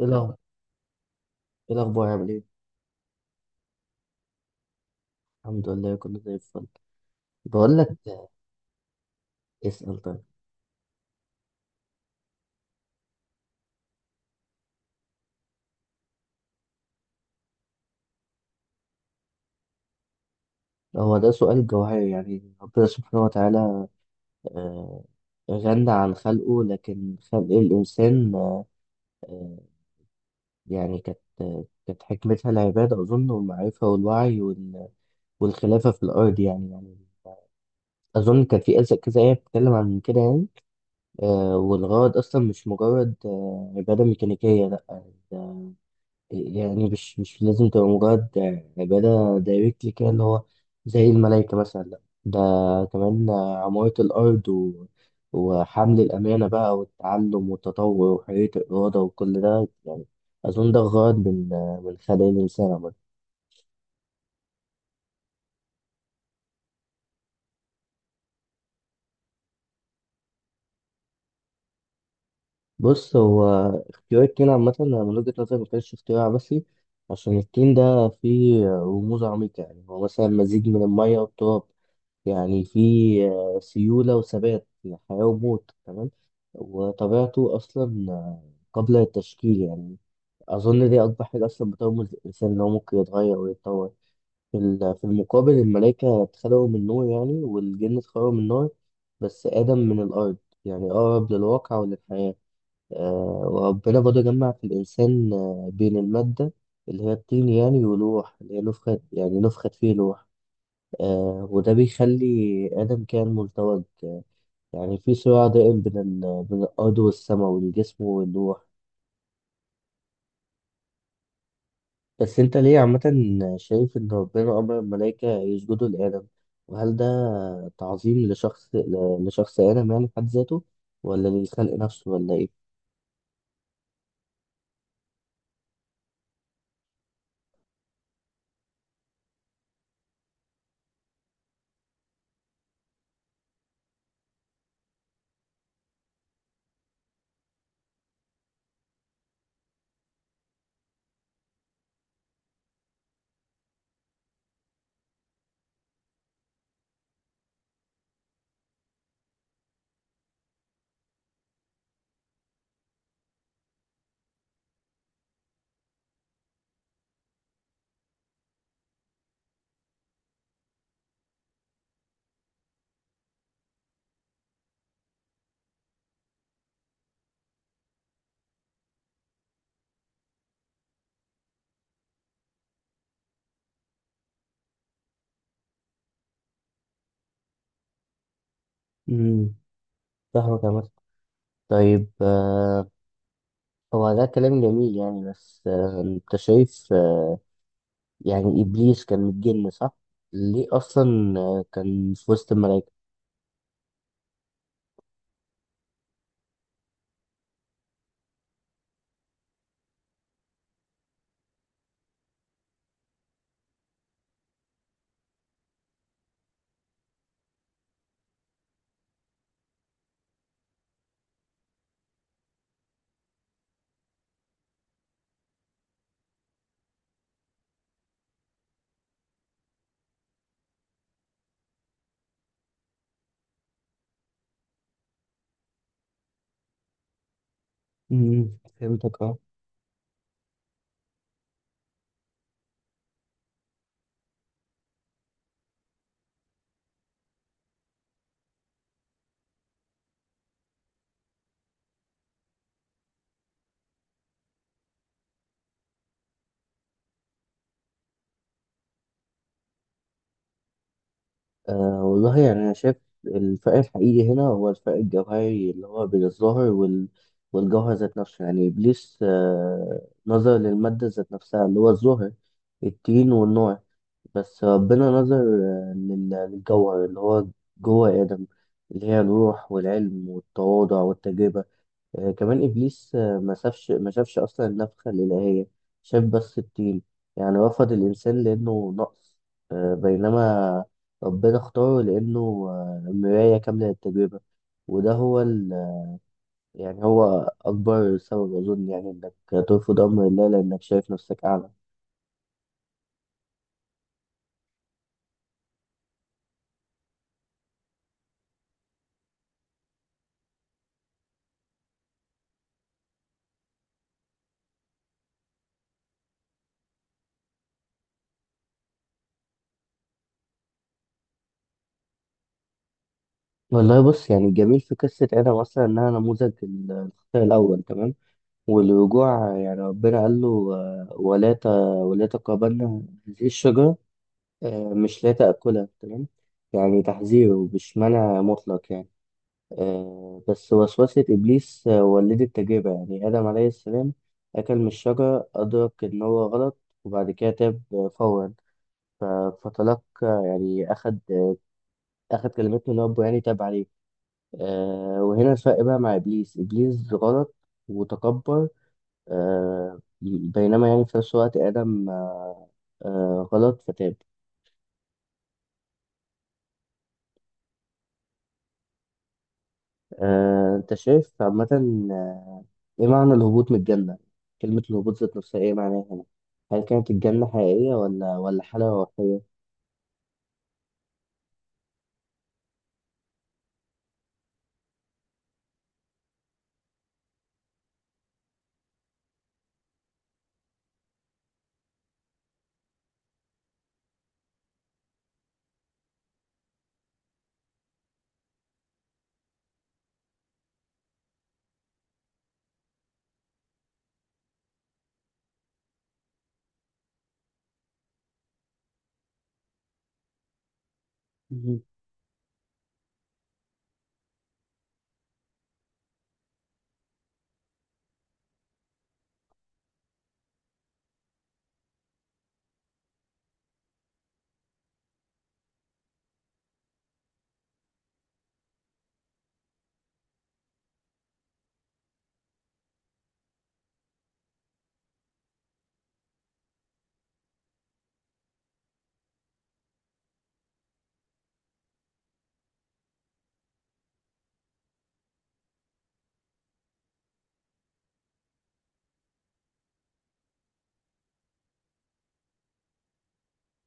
ايه الأخبار؟ ايه الأخبار عامل ايه؟ الحمد لله، كله زي الفل. بقول لك، اسأل طيب. هو ده سؤال جوهري، يعني ربنا سبحانه وتعالى آه، غنى عن خلقه، لكن خلق الإنسان آه، يعني كانت كانت حكمتها العبادة أظن، والمعرفة والوعي والخلافة في الأرض، يعني أظن كان في كذا كذا آية بتتكلم عن كده يعني. والغرض أصلا مش مجرد عبادة ميكانيكية، لأ. يعني مش لازم تبقى مجرد عبادة دايركتلي كده، اللي هو زي الملائكة مثلا، لأ. ده كمان عمارة الأرض و... وحمل الأمانة بقى، والتعلم والتطور وحرية الإرادة وكل ده. يعني أظن ده غرض من خلق الإنسان عامة. بص، هو اختيار التين عامة أنا من وجهة نظري مكانش اختيار عبثي، عشان التين ده فيه رموز عميقة. يعني هو مثلا مزيج من المية والتراب، يعني في سيولة وثبات، يعني حياة وموت. تمام. وطبيعته أصلا قبل التشكيل، يعني أظن دي أكبر حاجة أصلا بترمز للإنسان إن هو ممكن يتغير ويتطور. في المقابل، الملائكة اتخلقوا من نور يعني، والجن اتخلقوا من نار، بس آدم من الأرض، يعني أقرب للواقع وللحياة. وربنا برضه جمع في الإنسان بين المادة اللي هي الطين يعني، والروح اللي هي نفخت فيه الروح. وده بيخلي آدم كائن ملتوج، يعني في صراع دائم بين الأرض والسماء، والجسم والروح. بس أنت ليه عامة شايف إن ربنا أمر الملائكة يسجدوا لآدم؟ وهل ده تعظيم لشخص آدم يعني في حد ذاته، ولا للخلق نفسه، ولا إيه؟ امم فاهمك عامة. طيب، هو ده كلام جميل يعني، بس أنت شايف يعني إبليس كان متجن، صح؟ ليه أصلا كان في وسط الملائكة؟ فهمتك، اه. والله يعني أنا شايف الفرق الحقيقي هنا هو الفرق الجوهري اللي هو بين الظاهر وال... والجوهر ذات نفسه. يعني إبليس نظر للمادة ذات نفسها اللي هو الظهر، التين والنار. بس ربنا نظر للجوهر اللي هو جوه آدم، اللي هي الروح والعلم والتواضع والتجربة. كمان إبليس ما شافش أصلا النفخة الإلهية، شاف بس الطين. يعني رفض الإنسان لأنه نقص، بينما ربنا اختاره لأنه مراية كاملة للتجربة. وده هو يعني هو أكبر سبب أظن، يعني إنك ترفض أمر الله لأنك شايف نفسك أعلى. والله، بص، يعني الجميل في قصة آدم أصلا إنها نموذج الخطأ الأول، تمام، والرجوع. يعني ربنا قال له ولا تقربن هذه الشجرة، مش لا تأكلها. تمام، يعني تحذيره مش منع مطلق، يعني بس وسوسة إبليس ولدت تجربة. يعني آدم عليه السلام أكل من الشجرة، أدرك إن هو غلط، وبعد كده تاب فورا. ف- فتلقى يعني أخد كلمات من ربه، يعني تاب عليه. وهنا الفرق بقى مع إبليس. إبليس غلط وتكبر، بينما يعني في نفس الوقت آدم غلط فتاب. انت شايف عامة آه، ايه معنى الهبوط من الجنة؟ كلمة الهبوط ذات نفسها ايه معناها هنا؟ هل كانت الجنة حقيقية، ولا حالة روحية؟ مم.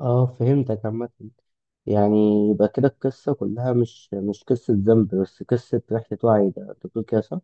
اه، فهمتك عامة. يعني يبقى كده القصة كلها مش قصة ذنب بس، قصة رحلة وعي. ده انت بتقول كده، صح؟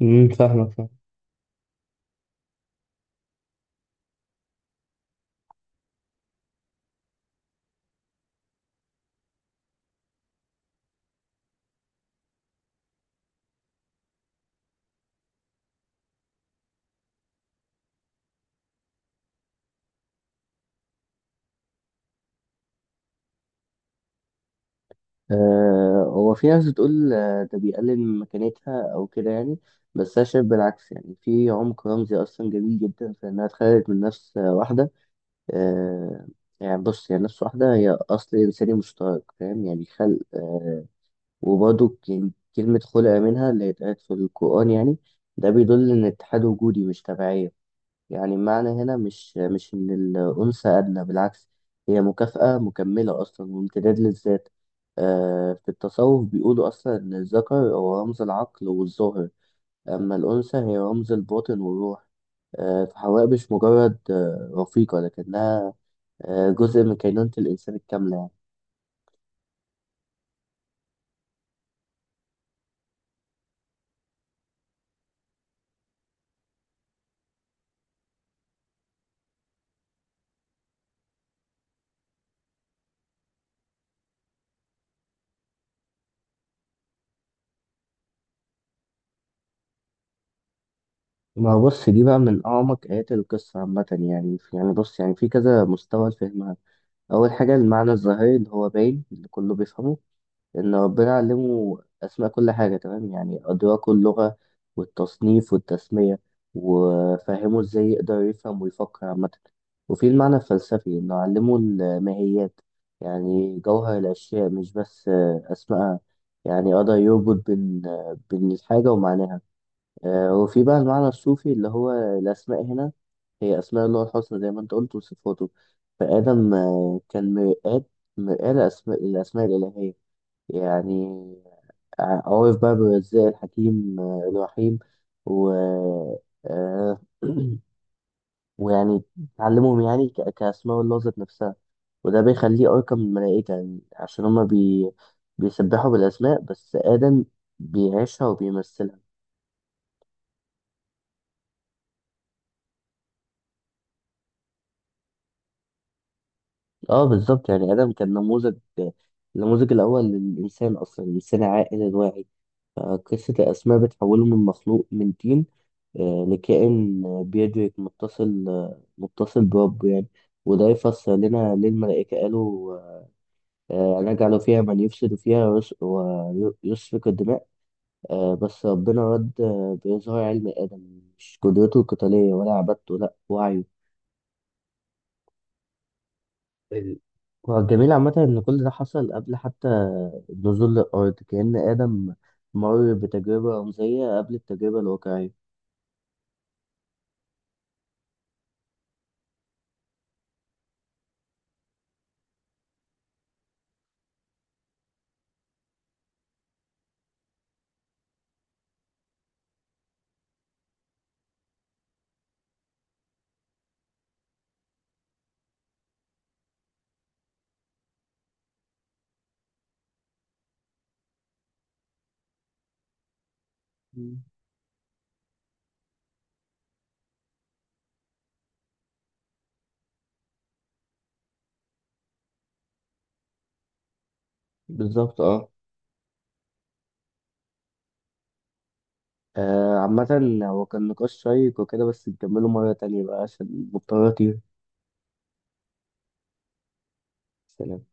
فاهمك، فاهم. هو في ناس بتقول ده بيقلل من مكانتها أو كده يعني، بس أنا شايف بالعكس. يعني في عمق رمزي أصلا جميل جدا في إنها اتخلقت من نفس واحدة. آه يعني بص، هي نفس واحدة، هي أصل إنساني مشترك، فاهم. يعني خلق، وبرضه كلمة خلق منها اللي اتقالت في القرآن يعني. ده بيدل إن الاتحاد وجودي مش تبعية. يعني المعنى هنا مش إن الأنثى أدنى، بالعكس، هي مكافأة مكملة أصلا وامتداد للذات. في التصوف بيقولوا أصلا إن الذكر هو رمز العقل والظاهر، أما الأنثى هي رمز الباطن والروح. فحواء مش مجرد رفيقة، لكنها جزء من كينونة الإنسان الكاملة يعني. ما هو، بص، دي بقى من أعمق آيات القصة عامة. يعني بص، يعني في كذا مستوى لفهمها. أول حاجة، المعنى الظاهري اللي هو باين اللي كله بيفهمه، إن ربنا علمه أسماء كل حاجة. تمام، يعني أدراكه اللغة والتصنيف والتسمية، وفهمه إزاي يقدر يفهم ويفكر عامة. وفي المعنى الفلسفي، إنه علمه الماهيات، يعني جوهر الأشياء، مش بس أسمائها. يعني قدر يربط بين الحاجة ومعناها. وفي بقى المعنى الصوفي اللي هو الأسماء هنا، هي أسماء الله الحسنى، زي ما أنت قلت، وصفاته. فآدم كان مرآة لأسماء الأسماء الإلهية. يعني عرف بقى بالرزاق، الحكيم، الرحيم، و آه، ويعني تعلمهم يعني كأسماء الله ذات نفسها. وده بيخليه أرقى من الملائكة، يعني عشان هما بيسبحوا بالأسماء بس، آدم بيعيشها وبيمثلها. اه، بالظبط. يعني ادم كان نموذج، النموذج الاول للانسان اصلا، الانسان العاقل الواعي. فقصه الاسماء بتحوله من مخلوق من طين لكائن بيدرك، متصل بربه يعني. وده يفسر لنا ليه الملائكه قالوا نجعل فيها من يفسد فيها ويسفك الدماء. بس ربنا رد بإظهار علم آدم، مش قدرته القتالية ولا عبادته، لأ، وعيه. ال- هو الجميل عامة إن كل ده حصل قبل حتى نزول الأرض، كأن آدم مر بتجربة رمزية قبل التجربة الواقعية. مم. بالظبط، اه. عامة هو كان نقاش شيق وكده، بس نكمله مرة تانية بقى عشان مضطر أطير. سلام.